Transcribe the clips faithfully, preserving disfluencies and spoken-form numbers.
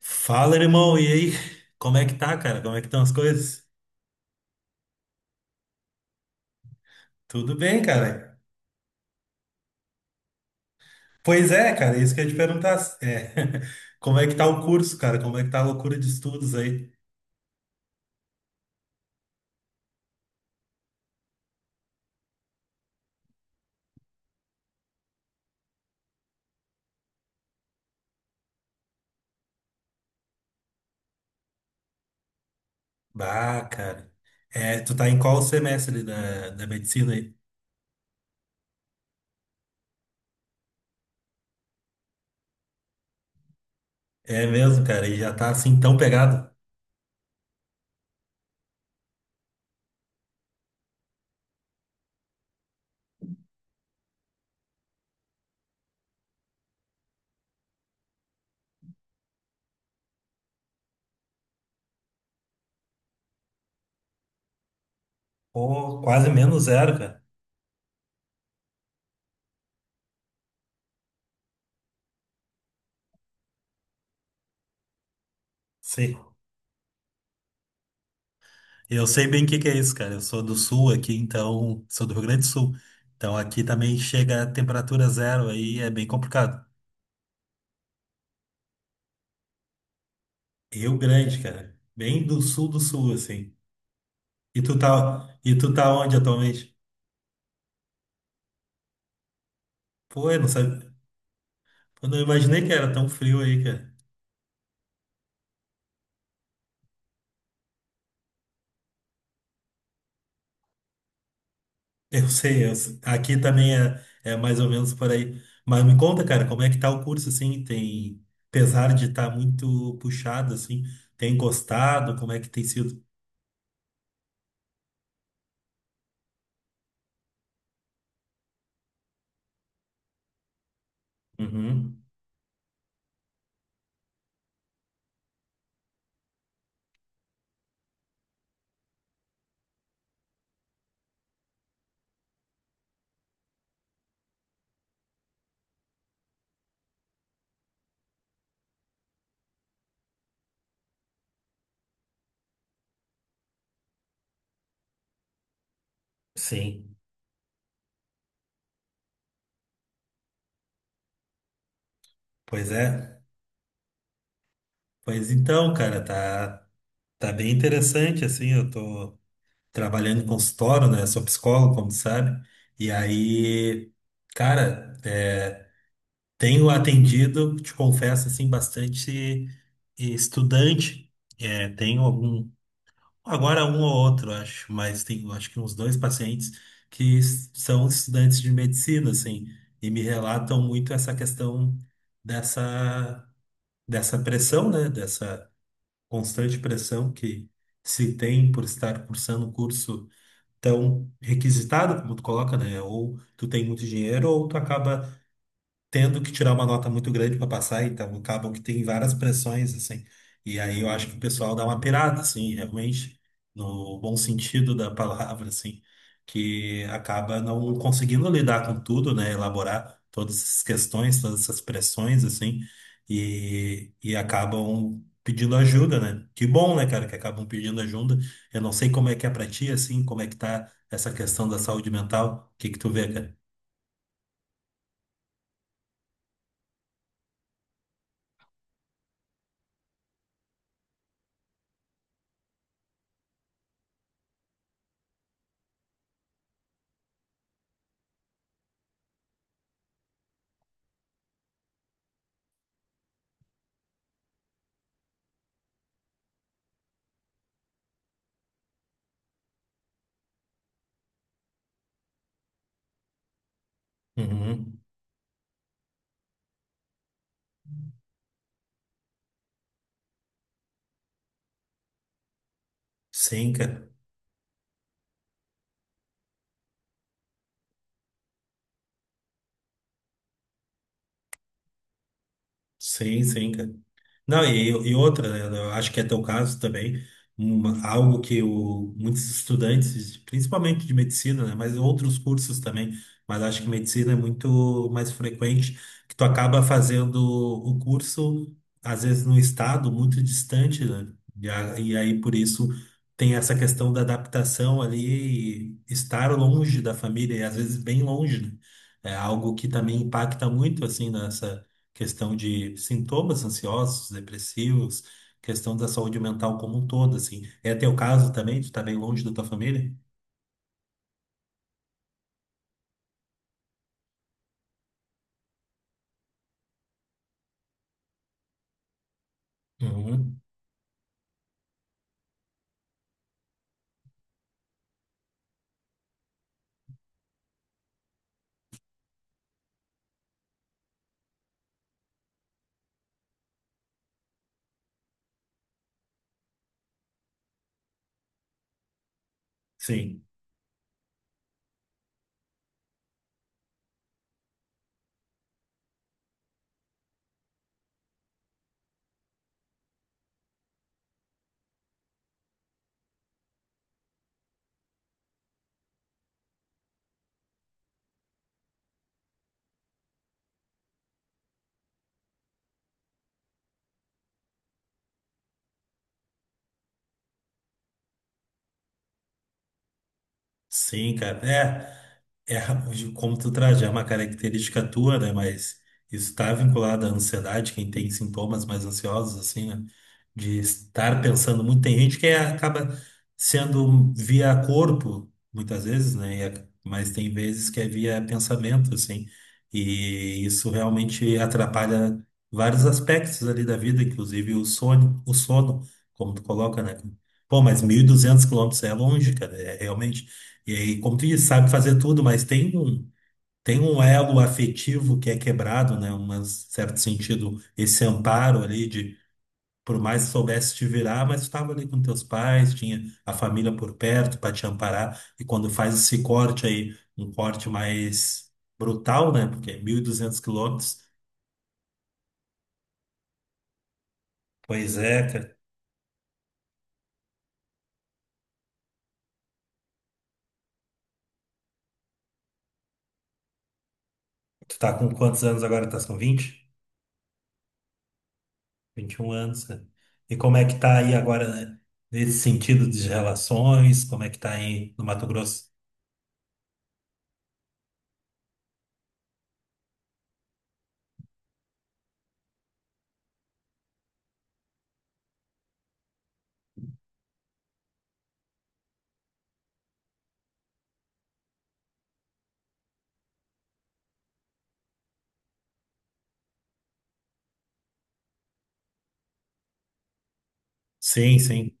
Fala, irmão, e aí? Como é que tá, cara? Como é que estão as coisas? Tudo bem, cara? Pois é, cara, isso que eu ia te perguntar. É, como é que tá o curso, cara? Como é que tá a loucura de estudos aí? Bah, cara. É, tu tá em qual semestre da, da medicina aí? É mesmo, cara, e já tá assim tão pegado? Pô, quase menos zero, cara. Sim. Eu sei bem o que que é isso, cara. Eu sou do sul aqui, então, sou do Rio Grande do Sul. Então aqui também chega a temperatura zero aí, é bem complicado. Rio Grande, cara. Bem do sul do sul, assim. E tu tá, e tu tá onde atualmente? Pô, eu não sabia. Eu não imaginei que era tão frio aí, cara. Eu sei, eu sei. Aqui também é, é mais ou menos por aí. Mas me conta, cara, como é que tá o curso, assim? Tem, apesar de estar muito puxado, assim, tem gostado? Como é que tem sido? Uhum. Sim. Pois é. Pois então, cara, tá, tá bem interessante, assim, eu tô. Trabalhando em consultório, né? Sou psicólogo, como tu sabe. E aí, cara, é, tenho atendido, te confesso, assim, bastante eh, estudante. É, tenho algum, agora um ou outro, acho, mas tenho acho que uns dois pacientes que s- são estudantes de medicina, assim, e me relatam muito essa questão dessa, dessa pressão, né? Dessa constante pressão que se tem por estar cursando um curso então requisitado, como tu coloca, né? Ou tu tem muito dinheiro, ou tu acaba tendo que tirar uma nota muito grande para passar, então acabam que tem várias pressões, assim. E aí eu acho que o pessoal dá uma pirada, assim, realmente, no bom sentido da palavra, assim, que acaba não conseguindo lidar com tudo, né? Elaborar todas essas questões, todas essas pressões, assim, e, e acabam pedindo ajuda, né? Que bom, né, cara, que acabam pedindo ajuda. Eu não sei como é que é pra ti, assim, como é que tá essa questão da saúde mental. O que que tu vê, cara? Uhum. Sim, cara. Sim, sim, cara. Não, e, e outra, né? Eu acho que é teu caso também, uma- algo que o, muitos estudantes, principalmente de medicina, né? Mas outros cursos também, mas acho que medicina é muito mais frequente, que tu acaba fazendo o curso, às vezes, num estado muito distante, né? E, a- e aí, por isso, tem essa questão da adaptação ali, e estar longe da família, e às vezes bem longe, né? É algo que também impacta muito, assim, nessa questão de sintomas ansiosos, depressivos, questão da saúde mental como um todo, assim. É teu caso também? Tu tá bem longe da tua família? Uhum. Sim. Sim, cara. É. É, de como tu traz, já é uma característica tua, né? Mas isso está vinculado à ansiedade, quem tem sintomas mais ansiosos, assim, né? De estar pensando muito. Tem gente que é- acaba sendo via corpo, muitas vezes, né? e a- Mas tem vezes que é via pensamento, assim. E isso realmente atrapalha vários aspectos ali da vida, inclusive o sono, o sono, como tu coloca, né? Pô, mas mil e duzentos quilômetros é longe, cara. É realmente e aí, como tu disse, sabe fazer tudo, mas tem um, tem um elo afetivo que é quebrado, né? Um certo sentido, esse amparo ali de, por mais que soubesse te virar, mas tu estava ali com teus pais, tinha a família por perto para te amparar. E quando faz esse corte aí, um corte mais brutal, né? Porque é mil e duzentos quilômetros. Pois é, cara. Tu tá com quantos anos agora? Tá com vinte, vinte e um anos, cara. E como é que tá aí agora, né? Nesse sentido de relações, como é que tá aí no Mato Grosso? Sim, sim.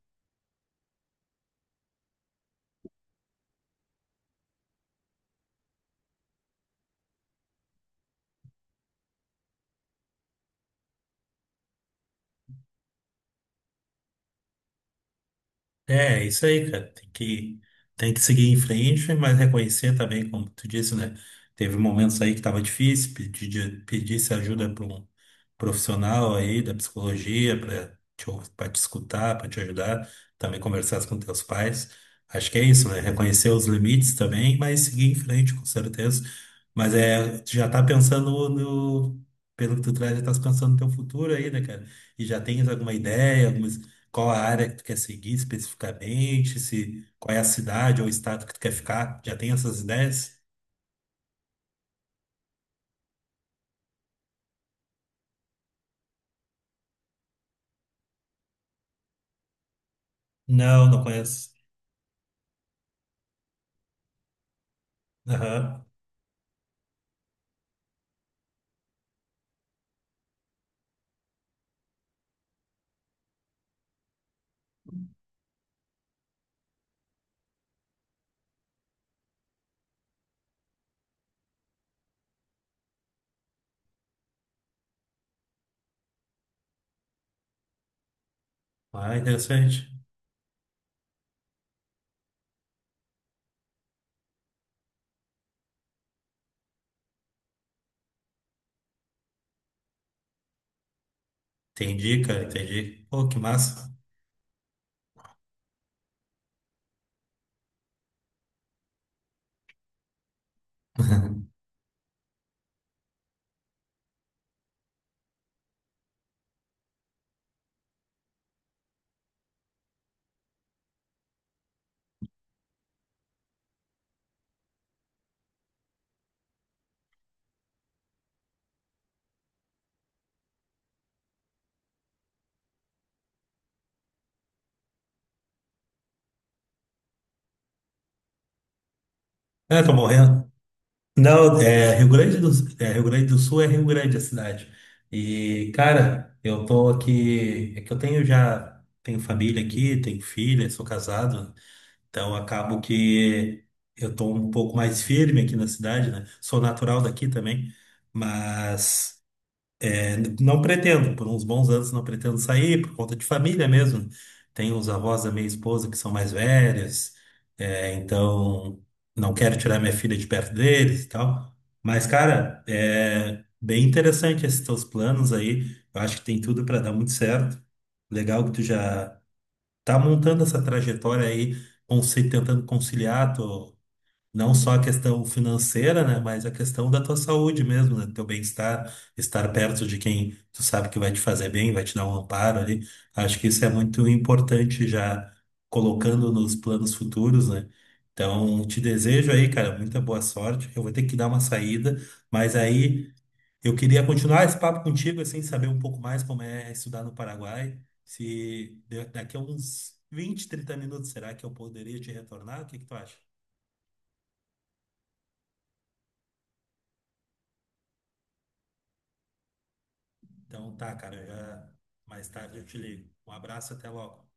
É, isso aí, cara. Tem que, tem que seguir em frente, mas reconhecer também, como tu disse, né? Teve momentos aí que tava difícil, pedir, pedisse ajuda para um profissional aí da psicologia para te, ou- pra te escutar, para te ajudar, também conversar com teus pais. Acho que é isso, né? Reconhecer os limites também, mas seguir em frente, com certeza. Mas é, tu já tá pensando no, pelo que tu traz, já tá pensando no teu futuro aí, né, cara? E já tens alguma ideia, algumas qual a área que tu quer seguir especificamente? Se, qual é a cidade ou estado que tu quer ficar? Já tem essas ideias? Não, não conheço. Aham. Ah, interessante. Entendi, cara, entendi. Pô, que massa. É, tô morrendo. Não, é Rio Grande do, é, Rio Grande do Sul é Rio Grande a cidade. E, cara, eu tô aqui. É que eu tenho já. Tenho família aqui, tenho filha, sou casado. Então, acabo que eu tô um pouco mais firme aqui na cidade, né? Sou natural daqui também, mas é, não pretendo, por uns bons anos não pretendo sair, por conta de família mesmo. Tenho os avós da minha esposa que são mais velhos, é, então não quero tirar minha filha de perto deles e tal. Mas, cara, é bem interessante esses teus planos aí. Eu acho que tem tudo para dar muito certo. Legal que tu já tá montando essa trajetória aí, consi- tentando conciliar tu- não só a questão financeira, né, mas a questão da tua saúde mesmo, né, do teu bem-estar, estar perto de quem tu sabe que vai te fazer bem, vai te dar um amparo ali. Acho que isso é muito importante já colocando nos planos futuros, né? Então, te desejo aí, cara, muita boa sorte. Eu vou ter que dar uma saída, mas aí eu queria continuar esse papo contigo, assim, saber um pouco mais como é estudar no Paraguai. Se da- daqui a uns vinte, trinta minutos, será que eu poderia te retornar? O que que tu acha? Então tá, cara, já mais tarde eu te ligo. Um abraço, até logo.